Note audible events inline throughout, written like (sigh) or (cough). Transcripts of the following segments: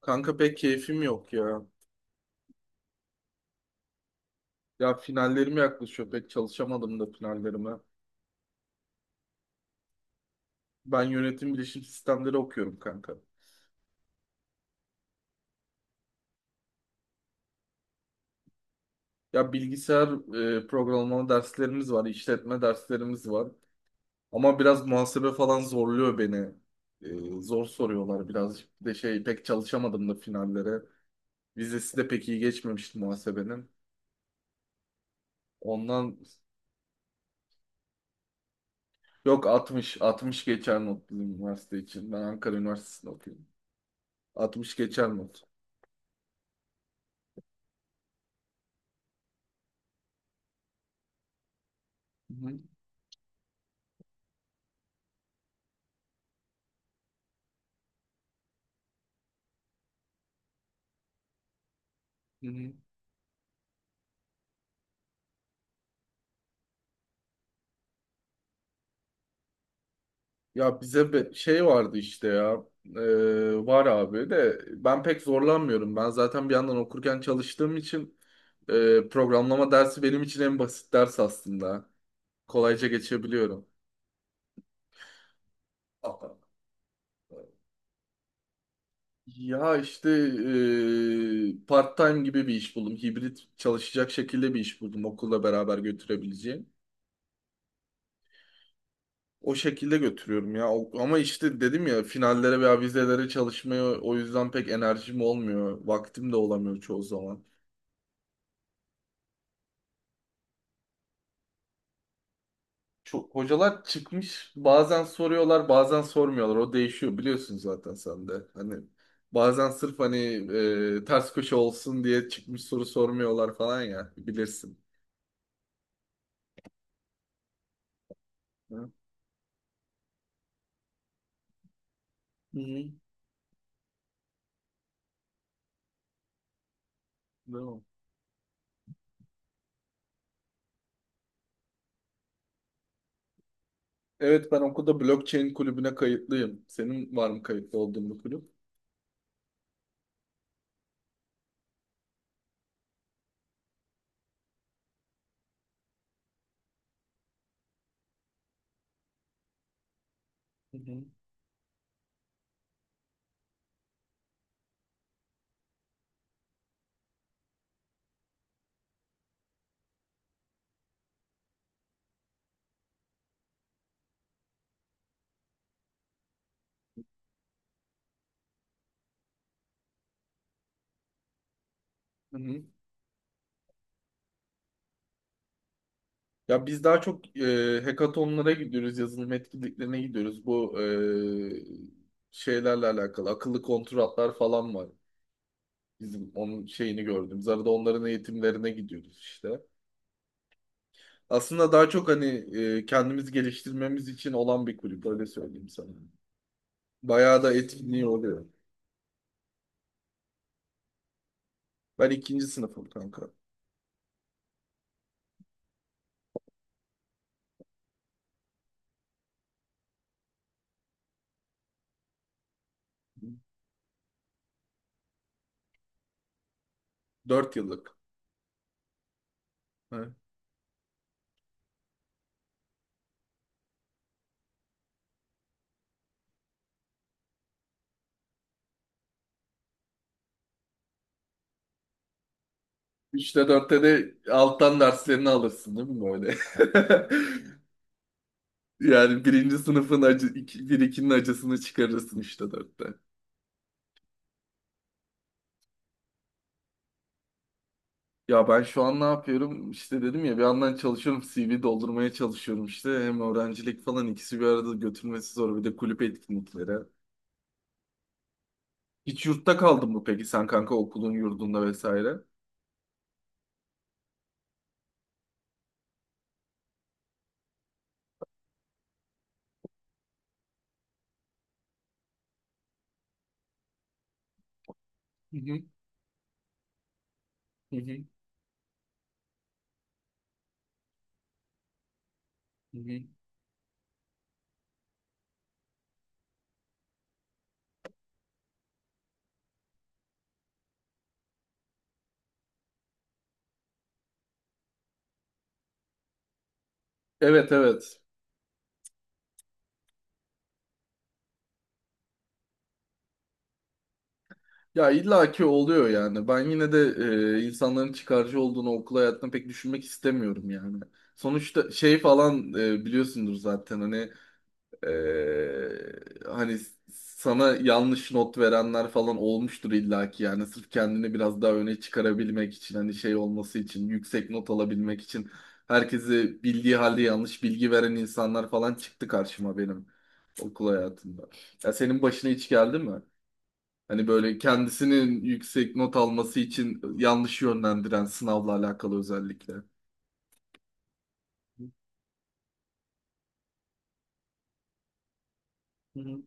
Kanka pek keyfim yok ya. Ya finallerim yaklaşıyor. Pek çalışamadım da finallerime. Ben yönetim bilişim sistemleri okuyorum kanka. Ya bilgisayar programlama derslerimiz var, işletme derslerimiz var. Ama biraz muhasebe falan zorluyor beni. Zor soruyorlar birazcık. Bir de şey pek çalışamadım da finallere. Vizesi de pek iyi geçmemişti muhasebenin. Ondan yok 60, 60 geçer not bizim üniversite için. Ben Ankara Üniversitesi'nde okuyorum. 60 geçer not. Hı hı. Hı hı. Ya bize şey vardı işte ya. Var abi de ben pek zorlanmıyorum. Ben zaten bir yandan okurken çalıştığım için programlama dersi benim için en basit ders aslında. Kolayca geçebiliyorum. Aa. Ya işte part-time gibi bir iş buldum. Hibrit çalışacak şekilde bir iş buldum okulla beraber götürebileceğim. O şekilde götürüyorum ya. Ama işte dedim ya finallere veya vizelere çalışmaya o yüzden pek enerjim olmuyor. Vaktim de olamıyor çoğu zaman. Çok, hocalar çıkmış bazen soruyorlar bazen sormuyorlar o değişiyor biliyorsun zaten sen de hani bazen sırf hani ters köşe olsun diye çıkmış soru sormuyorlar falan ya bilirsin. Hı? Hı. Devam. Evet, ben okulda blockchain kulübüne kayıtlıyım. Senin var mı kayıtlı olduğun bir kulüp? Hı hı. Hı hı. Ya biz daha çok hackathonlara gidiyoruz, yazılım etkinliklerine gidiyoruz. Bu şeylerle alakalı akıllı kontratlar falan var. Bizim onun şeyini gördüm. Arada onların eğitimlerine gidiyoruz işte. Aslında daha çok hani kendimiz geliştirmemiz için olan bir kulüp öyle söyleyeyim sana. Bayağı da etkinliği oluyor. Ben ikinci sınıfım kanka. 4 yıllık. Ha. Üçte dörtte de alttan derslerini alırsın değil mi böyle? (laughs) Yani birinci sınıfın acı, iki, bir ikinin acısını çıkarırsın üçte dörtte. Ya ben şu an ne yapıyorum? İşte dedim ya bir yandan çalışıyorum, CV doldurmaya çalışıyorum işte. Hem öğrencilik falan ikisi bir arada götürmesi zor. Bir de kulüp etkinlikleri. Hiç yurtta kaldın mı peki sen kanka okulun yurdunda vesaire? Hı hı, hı hı, hı hı. Evet, evet. Ya illaki oluyor yani. Ben yine de insanların çıkarcı olduğunu okul hayatında pek düşünmek istemiyorum yani. Sonuçta şey falan biliyorsundur zaten hani. Ee, Hani sana yanlış not verenler falan olmuştur illaki, yani sırf kendini biraz daha öne çıkarabilmek için, hani şey olması için, yüksek not alabilmek için herkesi bildiği halde yanlış bilgi veren insanlar falan çıktı karşıma benim okul hayatımda. Ya senin başına hiç geldi mi? Hani böyle kendisinin yüksek not alması için yanlış yönlendiren, sınavla alakalı özellikle. Hı hı.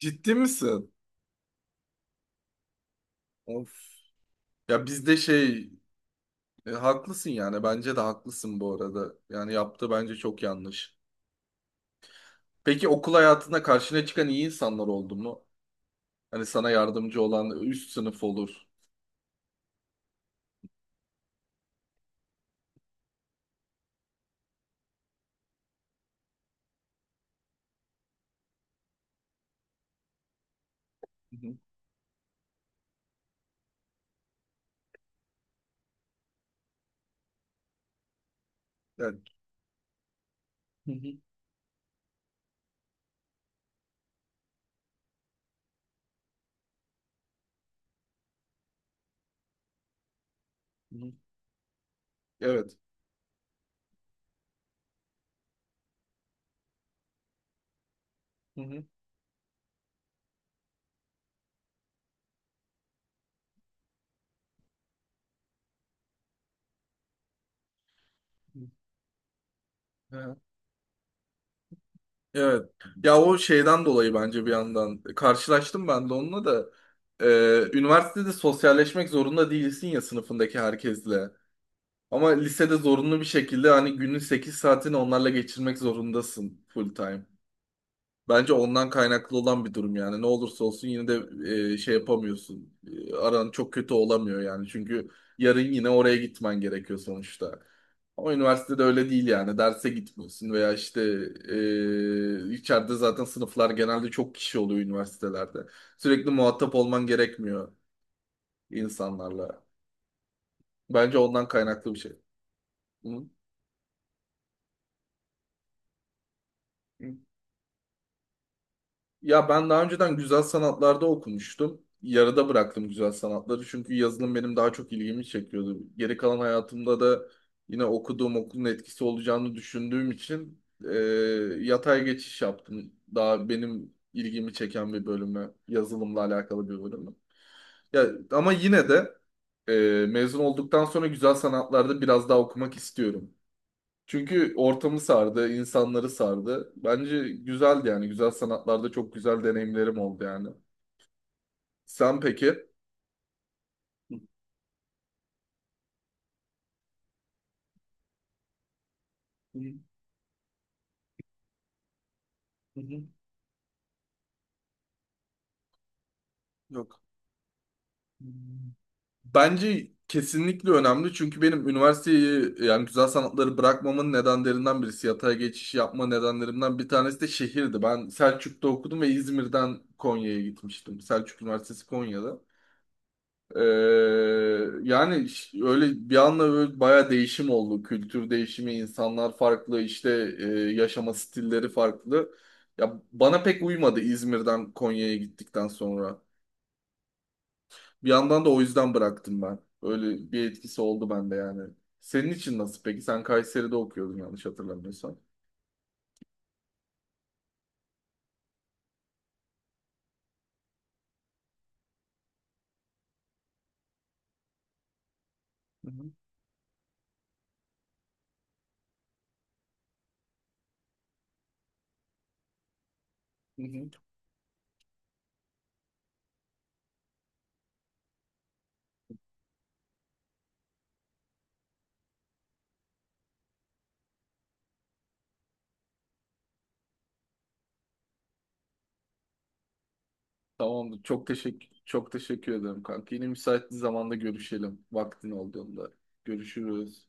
Ciddi misin? Of. Ya bizde şey. Haklısın yani. Bence de haklısın bu arada. Yani yaptığı bence çok yanlış. Peki okul hayatında karşına çıkan iyi insanlar oldu mu? Hani sana yardımcı olan üst sınıf olur. Hı hı. Evet. Hı hı. Hı hı. Evet. Hı hı. Hı hı. Evet. Ya o şeyden dolayı bence bir yandan karşılaştım ben de onunla da. Üniversitede sosyalleşmek zorunda değilsin ya, sınıfındaki herkesle. Ama lisede zorunlu bir şekilde hani günün 8 saatini onlarla geçirmek zorundasın, full time. Bence ondan kaynaklı olan bir durum yani. Ne olursa olsun yine de şey yapamıyorsun. Aran çok kötü olamıyor yani. Çünkü yarın yine oraya gitmen gerekiyor sonuçta. Ama üniversitede öyle değil yani. Derse gitmiyorsun veya işte içeride zaten sınıflar genelde çok kişi oluyor üniversitelerde. Sürekli muhatap olman gerekmiyor insanlarla. Bence ondan kaynaklı bir şey. Hı? Ya ben daha önceden güzel sanatlarda okumuştum. Yarıda bıraktım güzel sanatları çünkü yazılım benim daha çok ilgimi çekiyordu. Geri kalan hayatımda da yine okuduğum okulun etkisi olacağını düşündüğüm için e, yatay geçiş yaptım. Daha benim ilgimi çeken bir bölüme, yazılımla alakalı bir bölüme. Ya ama yine de mezun olduktan sonra güzel sanatlarda biraz daha okumak istiyorum. Çünkü ortamı sardı, insanları sardı. Bence güzeldi yani. Güzel sanatlarda çok güzel deneyimlerim oldu yani. Sen peki? Hı hı, hı hı. Yok. Bence kesinlikle önemli, çünkü benim üniversiteyi yani güzel sanatları bırakmamın nedenlerinden birisi, yatay geçiş yapma nedenlerimden bir tanesi de şehirdi. Ben Selçuk'ta okudum ve İzmir'den Konya'ya gitmiştim. Selçuk Üniversitesi Konya'da. Ee, Yani öyle bir anda böyle bayağı değişim oldu. Kültür değişimi, insanlar farklı, işte e, yaşama stilleri farklı. Ya bana pek uymadı İzmir'den Konya'ya gittikten sonra. Bir yandan da o yüzden bıraktım ben. Öyle bir etkisi oldu bende yani. Senin için nasıl peki? Sen Kayseri'de okuyordun yanlış hatırlamıyorsam. Hı hı. Hı hı. Tamamdır. Çok teşekkür ederim kanka. Yine müsait bir zamanda görüşelim. Vaktin olduğunda. Görüşürüz.